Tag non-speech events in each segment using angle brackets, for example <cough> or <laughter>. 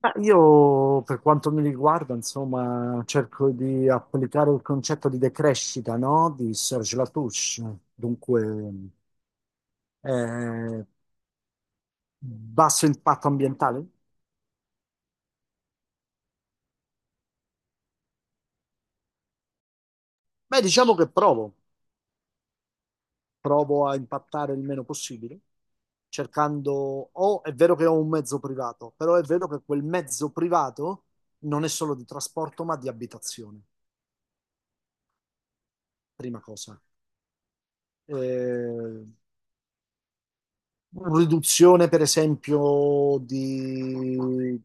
Ma io, per quanto mi riguarda, insomma, cerco di applicare il concetto di decrescita, no? Di Serge Latouche. Dunque, eh, basso impatto ambientale? Beh, diciamo che provo a impattare il meno possibile, cercando, o è vero che ho un mezzo privato, però è vero che quel mezzo privato non è solo di trasporto, ma di abitazione, prima cosa. Eh, Riduzione, per esempio, di,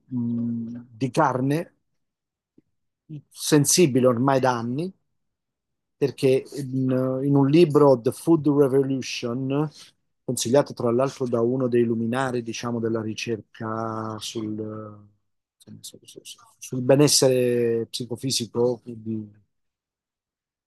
mh, di carne, sensibile ormai da anni, perché in un libro, The Food Revolution, consigliato tra l'altro da uno dei luminari, diciamo, della ricerca sul benessere psicofisico di,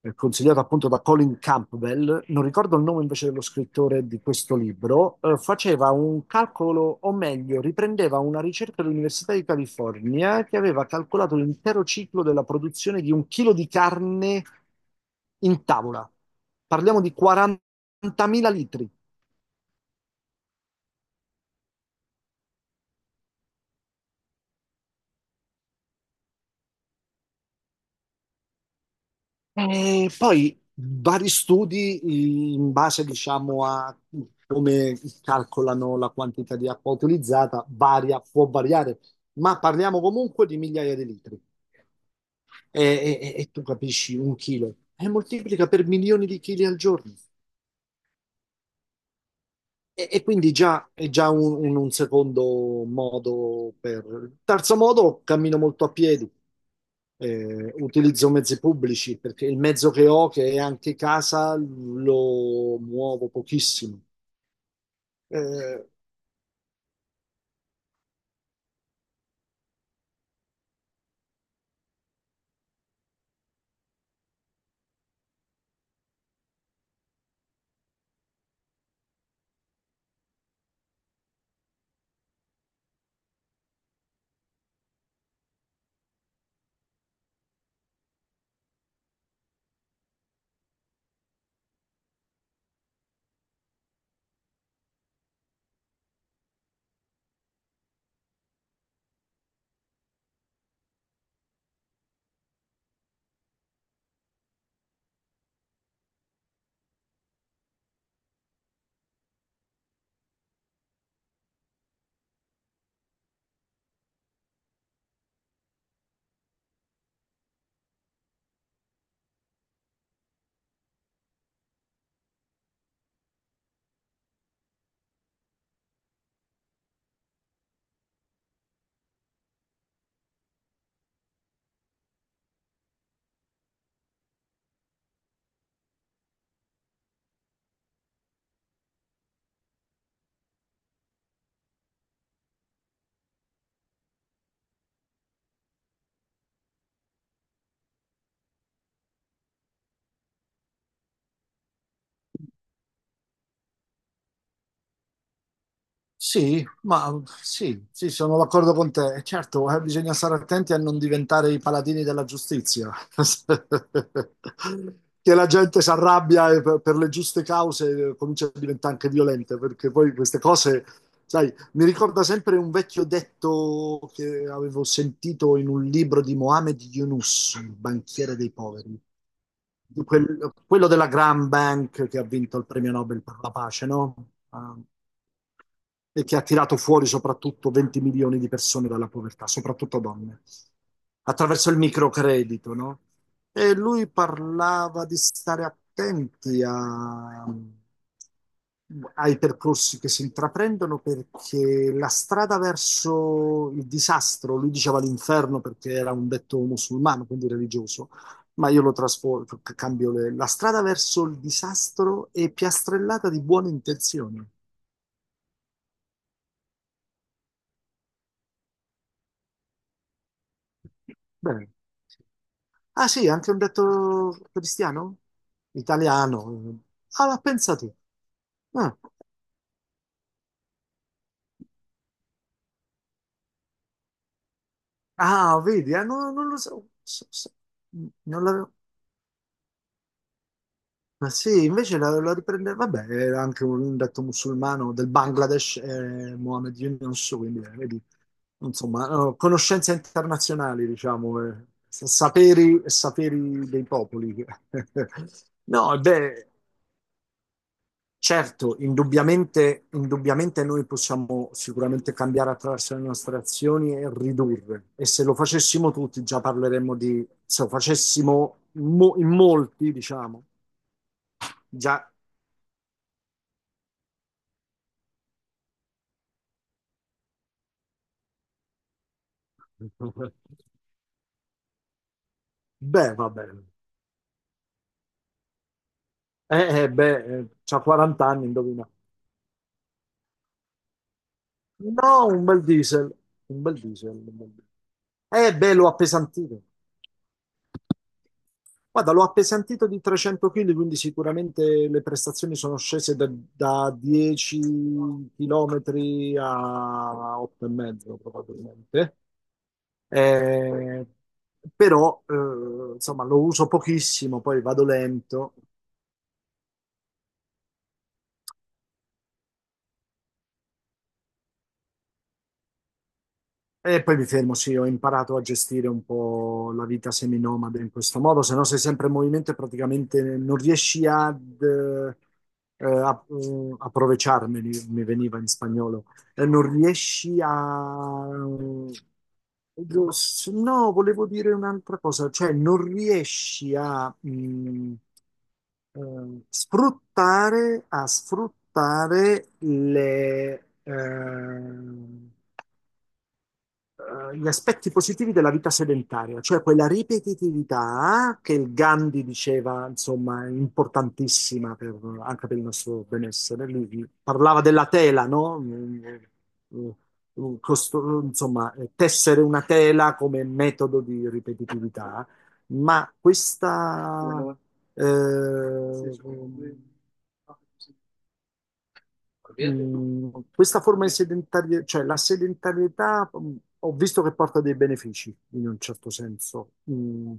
consigliato appunto da Colin Campbell, non ricordo il nome invece dello scrittore di questo libro, faceva un calcolo, o meglio, riprendeva una ricerca dell'Università di California che aveva calcolato l'intero ciclo della produzione di un chilo di carne in tavola. Parliamo di 40.000 litri. E poi vari studi in base, diciamo, a come calcolano la quantità di acqua utilizzata, varia, può variare, ma parliamo comunque di migliaia di litri. E tu capisci un chilo e moltiplica per milioni di chili al giorno. E quindi già è già un secondo modo per... Terzo modo, cammino molto a piedi. Utilizzo mezzi pubblici perché il mezzo che ho, che è anche casa, lo muovo pochissimo. Eh, Sì, ma sì, sì, sono d'accordo con te. E certo, bisogna stare attenti a non diventare i paladini della giustizia, <laughs> che la gente si arrabbia e per le giuste cause comincia a diventare anche violenta, perché poi queste cose, sai, mi ricorda sempre un vecchio detto che avevo sentito in un libro di Mohamed Yunus, il banchiere dei poveri, di quello della Grand Bank che ha vinto il premio Nobel per la pace, no? Ah, e che ha tirato fuori soprattutto 20 milioni di persone dalla povertà, soprattutto donne, attraverso il microcredito, no? E lui parlava di stare attenti ai percorsi che si intraprendono perché la strada verso il disastro, lui diceva l'inferno perché era un detto musulmano, quindi religioso, ma io lo trasformo, cambio la strada verso il disastro è piastrellata di buone intenzioni. Bene. Ah sì, anche un detto cristiano? Italiano. Ah, ma pensa tu. Ah, ah, vedi, non lo so. Non l'avevo... Ma sì, invece la riprende... Vabbè, era anche un detto musulmano del Bangladesh, Mohammed Yunus, quindi vedi, insomma, conoscenze internazionali, diciamo, saperi, saperi dei popoli. <laughs> No, beh... Certo, indubbiamente, indubbiamente noi possiamo sicuramente cambiare attraverso le nostre azioni e ridurre. E se lo facessimo tutti, già parleremmo di, se lo facessimo in molti, diciamo, già. <laughs> Beh, va bene. C'ha 40 anni, indovina. No, un bel diesel, un bel diesel. Un bel diesel. Beh, l'ho appesantito. Guarda, l'ho appesantito di 300 kg, quindi sicuramente le prestazioni sono scese da 10 km a 8,5 probabilmente. Eh, però, insomma, lo uso pochissimo, poi vado lento. E poi mi fermo, sì, ho imparato a gestire un po' la vita seminomade in questo modo, se no sei sempre in movimento e praticamente non riesci ad, aprovecharmeli, mi veniva in spagnolo. Non riesci a... No, volevo dire un'altra cosa, cioè non riesci a... a sfruttare gli aspetti positivi della vita sedentaria, cioè quella ripetitività che il Gandhi diceva, insomma, importantissima anche per il nostro benessere. Lui parlava della tela, no? Mm, insomma, tessere una tela come metodo di ripetitività, ma eh, Mm, questa forma di sedentarietà, cioè la sedentarietà, ho visto che porta dei benefici in un certo senso.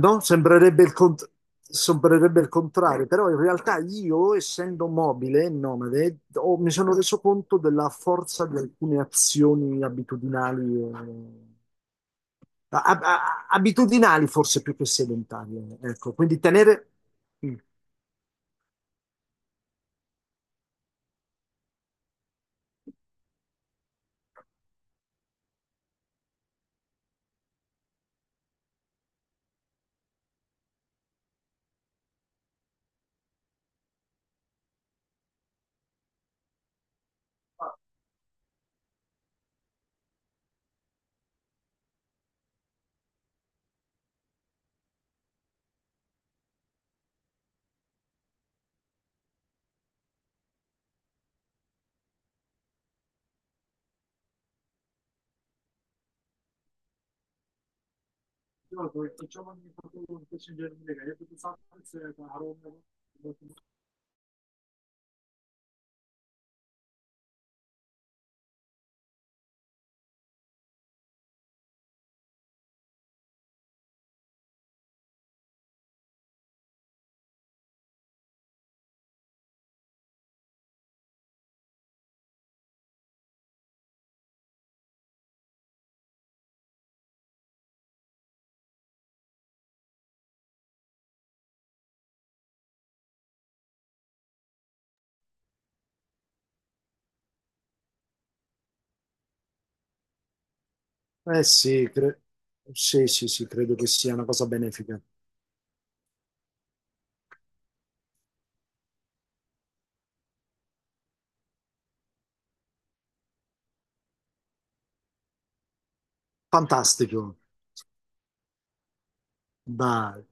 No? Sembrerebbe il contrario, però in realtà io, essendo mobile e nomade, mi sono reso conto della forza di alcune azioni abitudinali. Abitudinali forse più che sedentarie, ecco, quindi tenere, mm, Eh sì, sì, sì, sì, credo che sia una cosa benefica. Fantastico, dai.